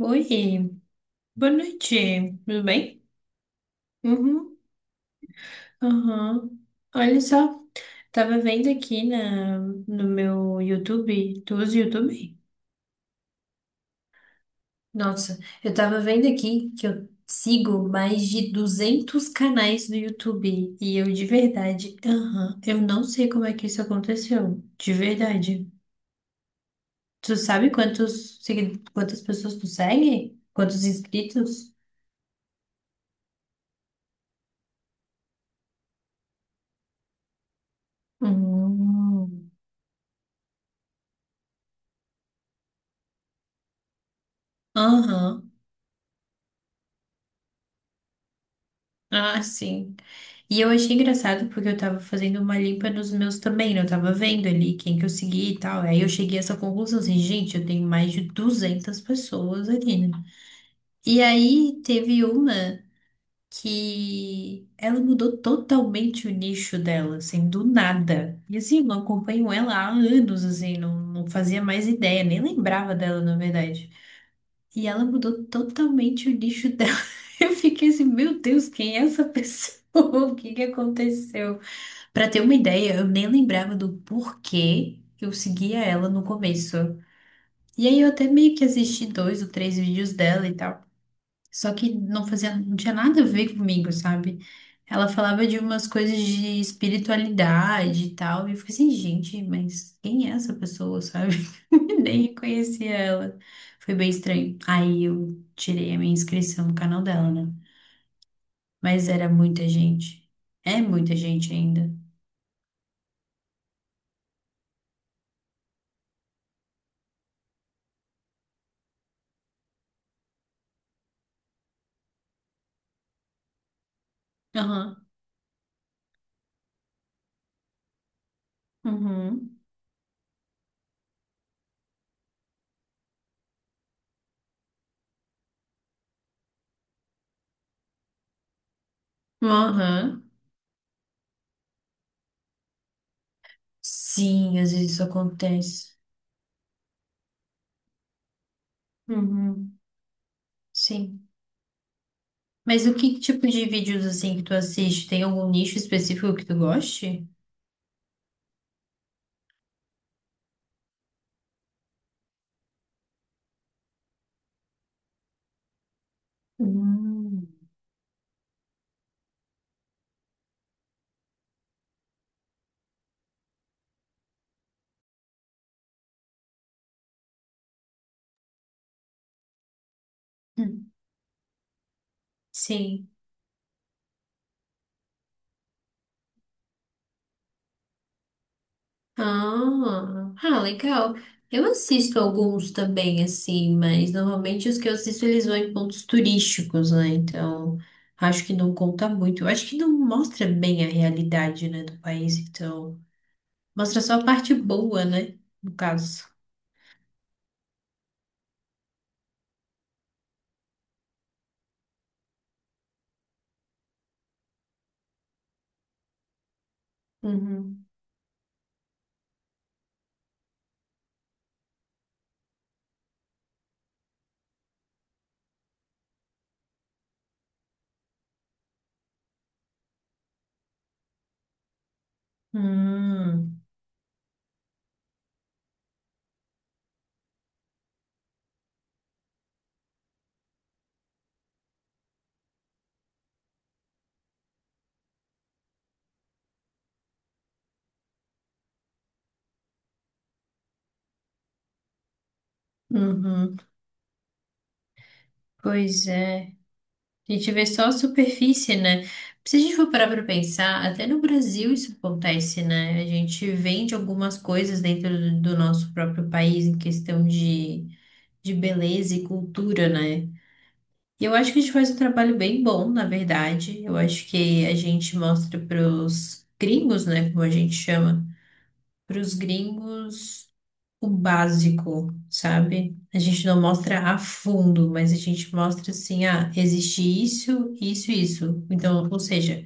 Oi, boa noite, tudo bem? Uhum. Aham. Olha só, tava vendo aqui no meu YouTube, tu usa o YouTube? Nossa, eu tava vendo aqui que eu sigo mais de 200 canais do YouTube e eu de verdade, aham, eu não sei como é que isso aconteceu, de verdade. Tu sabe quantas pessoas tu segue? Quantos inscritos? Hum. Aham, ah, sim. E eu achei engraçado porque eu tava fazendo uma limpa nos meus também, né? Eu tava vendo ali quem que eu segui e tal. Aí eu cheguei a essa conclusão assim, gente, eu tenho mais de 200 pessoas ali, né? E aí teve uma que ela mudou totalmente o nicho dela, assim, do nada. E assim, eu não acompanho ela há anos, assim, não fazia mais ideia, nem lembrava dela, na verdade. E ela mudou totalmente o nicho dela. Eu fiquei assim, meu Deus, quem é essa pessoa? O que que aconteceu? Pra ter uma ideia, eu nem lembrava do porquê eu seguia ela no começo. E aí eu até meio que assisti dois ou três vídeos dela e tal. Só que não fazia, não tinha nada a ver comigo, sabe? Ela falava de umas coisas de espiritualidade e tal. E eu fiquei assim, gente, mas quem é essa pessoa, sabe? Nem reconhecia ela. Foi bem estranho. Aí eu tirei a minha inscrição no canal dela, né? Mas era muita gente. É muita gente ainda. Aham. Uhum. Aham. Sim, às vezes isso acontece. Uhum. Sim. Mas o que tipo de vídeos assim que tu assiste? Tem algum nicho específico que tu goste? Hum. Hum. Sim. Ah, ah, legal. Eu assisto alguns também, assim, mas normalmente os que eu assisto eles vão em pontos turísticos, né? Então, acho que não conta muito. Eu acho que não mostra bem a realidade, né, do país, então. Mostra só a parte boa, né? No caso. Hum, uhum. Pois é. A gente vê só a superfície, né? Se a gente for parar para pensar, até no Brasil isso acontece, né? A gente vende algumas coisas dentro do nosso próprio país em questão de beleza e cultura, né? E eu acho que a gente faz um trabalho bem bom, na verdade. Eu acho que a gente mostra para os gringos, né? Como a gente chama. Para os gringos o básico, sabe? A gente não mostra a fundo, mas a gente mostra assim, ah, existe isso, isso, isso. Então, ou seja,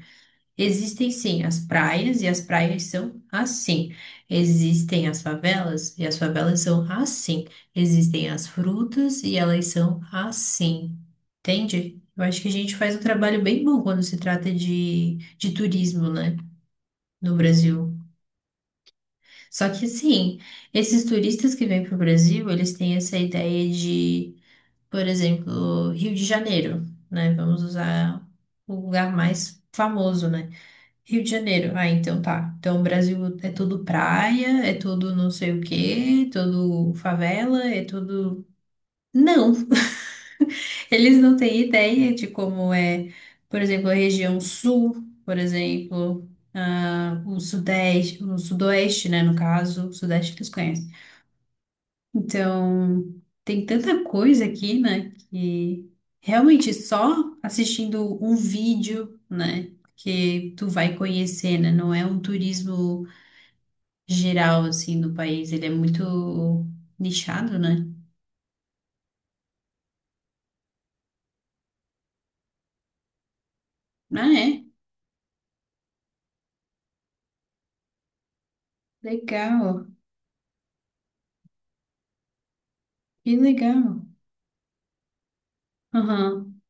existem sim as praias e as praias são assim. Existem as favelas e as favelas são assim. Existem as frutas e elas são assim. Entende? Eu acho que a gente faz um trabalho bem bom quando se trata de turismo, né? No Brasil. Só que assim, esses turistas que vêm para o Brasil, eles têm essa ideia de, por exemplo, Rio de Janeiro, né? Vamos usar o lugar mais famoso, né? Rio de Janeiro. Ah, então tá. Então o Brasil é tudo praia, é tudo não sei o quê, tudo favela, é tudo. Não, eles não têm ideia de como é, por exemplo, a região sul, por exemplo, ah, o sudeste, o sudoeste, né? No caso, o sudeste eles conhecem. Então, tem tanta coisa aqui, né, que realmente só assistindo um vídeo, né, que tu vai conhecer, né, não é um turismo geral, assim, do país, ele é muito nichado, né? Ah, é? Legal, que legal. Aham,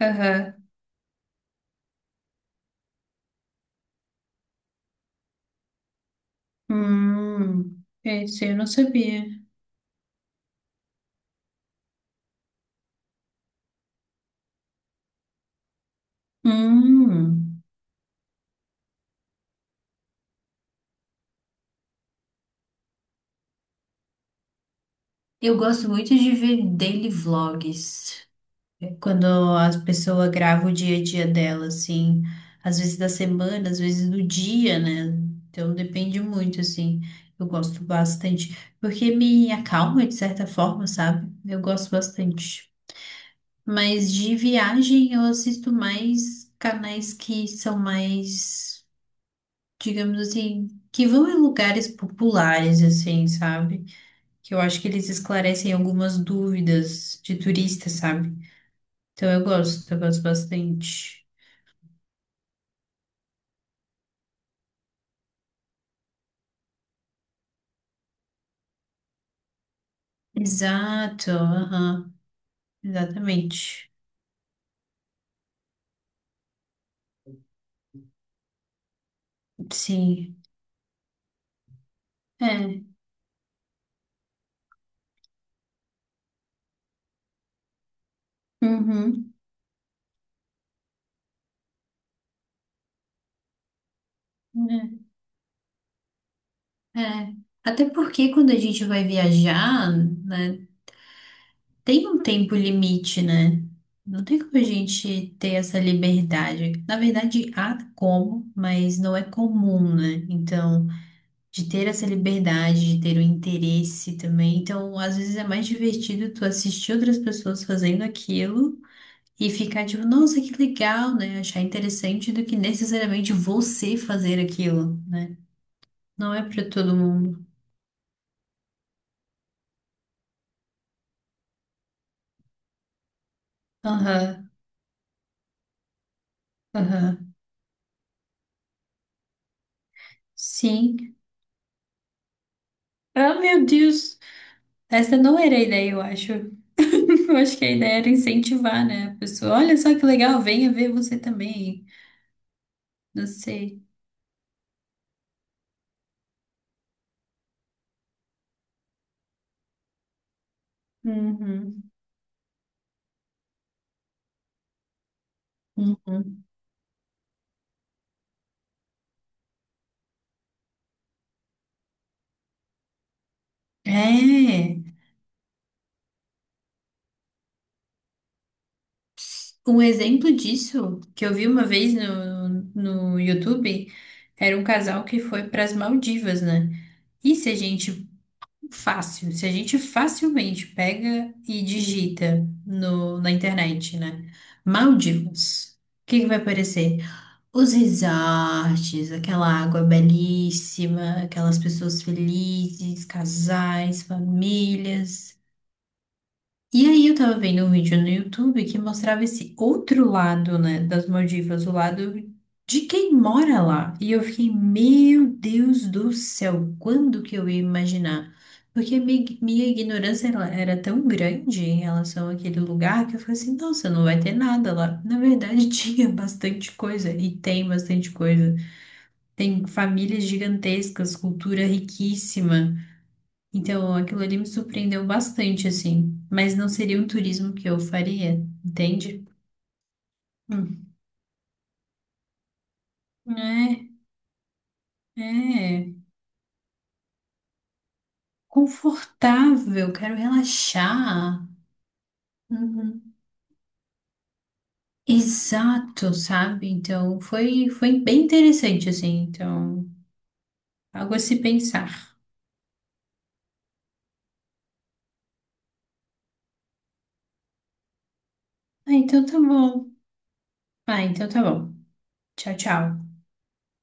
aham. Esse eu não sabia. Hum. Eu gosto muito de ver daily vlogs. Quando as pessoas gravam o dia a dia dela, assim, às vezes da semana, às vezes do dia, né? Então depende muito, assim. Eu gosto bastante, porque me acalma de certa forma, sabe? Eu gosto bastante. Mas de viagem eu assisto mais canais que são mais, digamos assim, que vão em lugares populares, assim, sabe? Que eu acho que eles esclarecem algumas dúvidas de turista, sabe? Então eu gosto bastante. Exato, aham, exatamente. Sim, é, uhum, é, é. Até porque quando a gente vai viajar, né, tem um tempo limite, né? Não tem como a gente ter essa liberdade. Na verdade, há como, mas não é comum, né? Então, de ter essa liberdade, de ter o interesse também. Então, às vezes é mais divertido tu assistir outras pessoas fazendo aquilo e ficar tipo, nossa, que legal, né? Achar interessante do que necessariamente você fazer aquilo, né? Não é pra todo mundo. Aham, aham. Sim. Ah, meu Deus. Essa não era a ideia, eu acho. Eu acho que a ideia era incentivar, né? A pessoa, olha só que legal, venha ver você também. Não sei. Uhum, uhum. É. Um exemplo disso que eu vi uma vez no YouTube era um casal que foi para as Maldivas, né? E se a gente se a gente facilmente pega e digita no, na internet, né? Maldivas. O que que vai aparecer? Os resorts, aquela água belíssima, aquelas pessoas felizes, casais, famílias. E aí eu tava vendo um vídeo no YouTube que mostrava esse outro lado, né, das Maldivas, o lado de quem mora lá. E eu fiquei, meu Deus do céu, quando que eu ia imaginar? Porque minha ignorância ela era tão grande em relação àquele lugar que eu falei assim, nossa, não vai ter nada lá. Na verdade, tinha bastante coisa e tem bastante coisa. Tem famílias gigantescas, cultura riquíssima. Então, aquilo ali me surpreendeu bastante, assim. Mas não seria um turismo que eu faria, entende? Hum. É, é. Confortável, quero relaxar. Uhum. Exato, sabe? Então, foi, foi bem interessante, assim. Então, algo a se pensar. Ah, então tá bom. Ah, então tá bom. Tchau, tchau.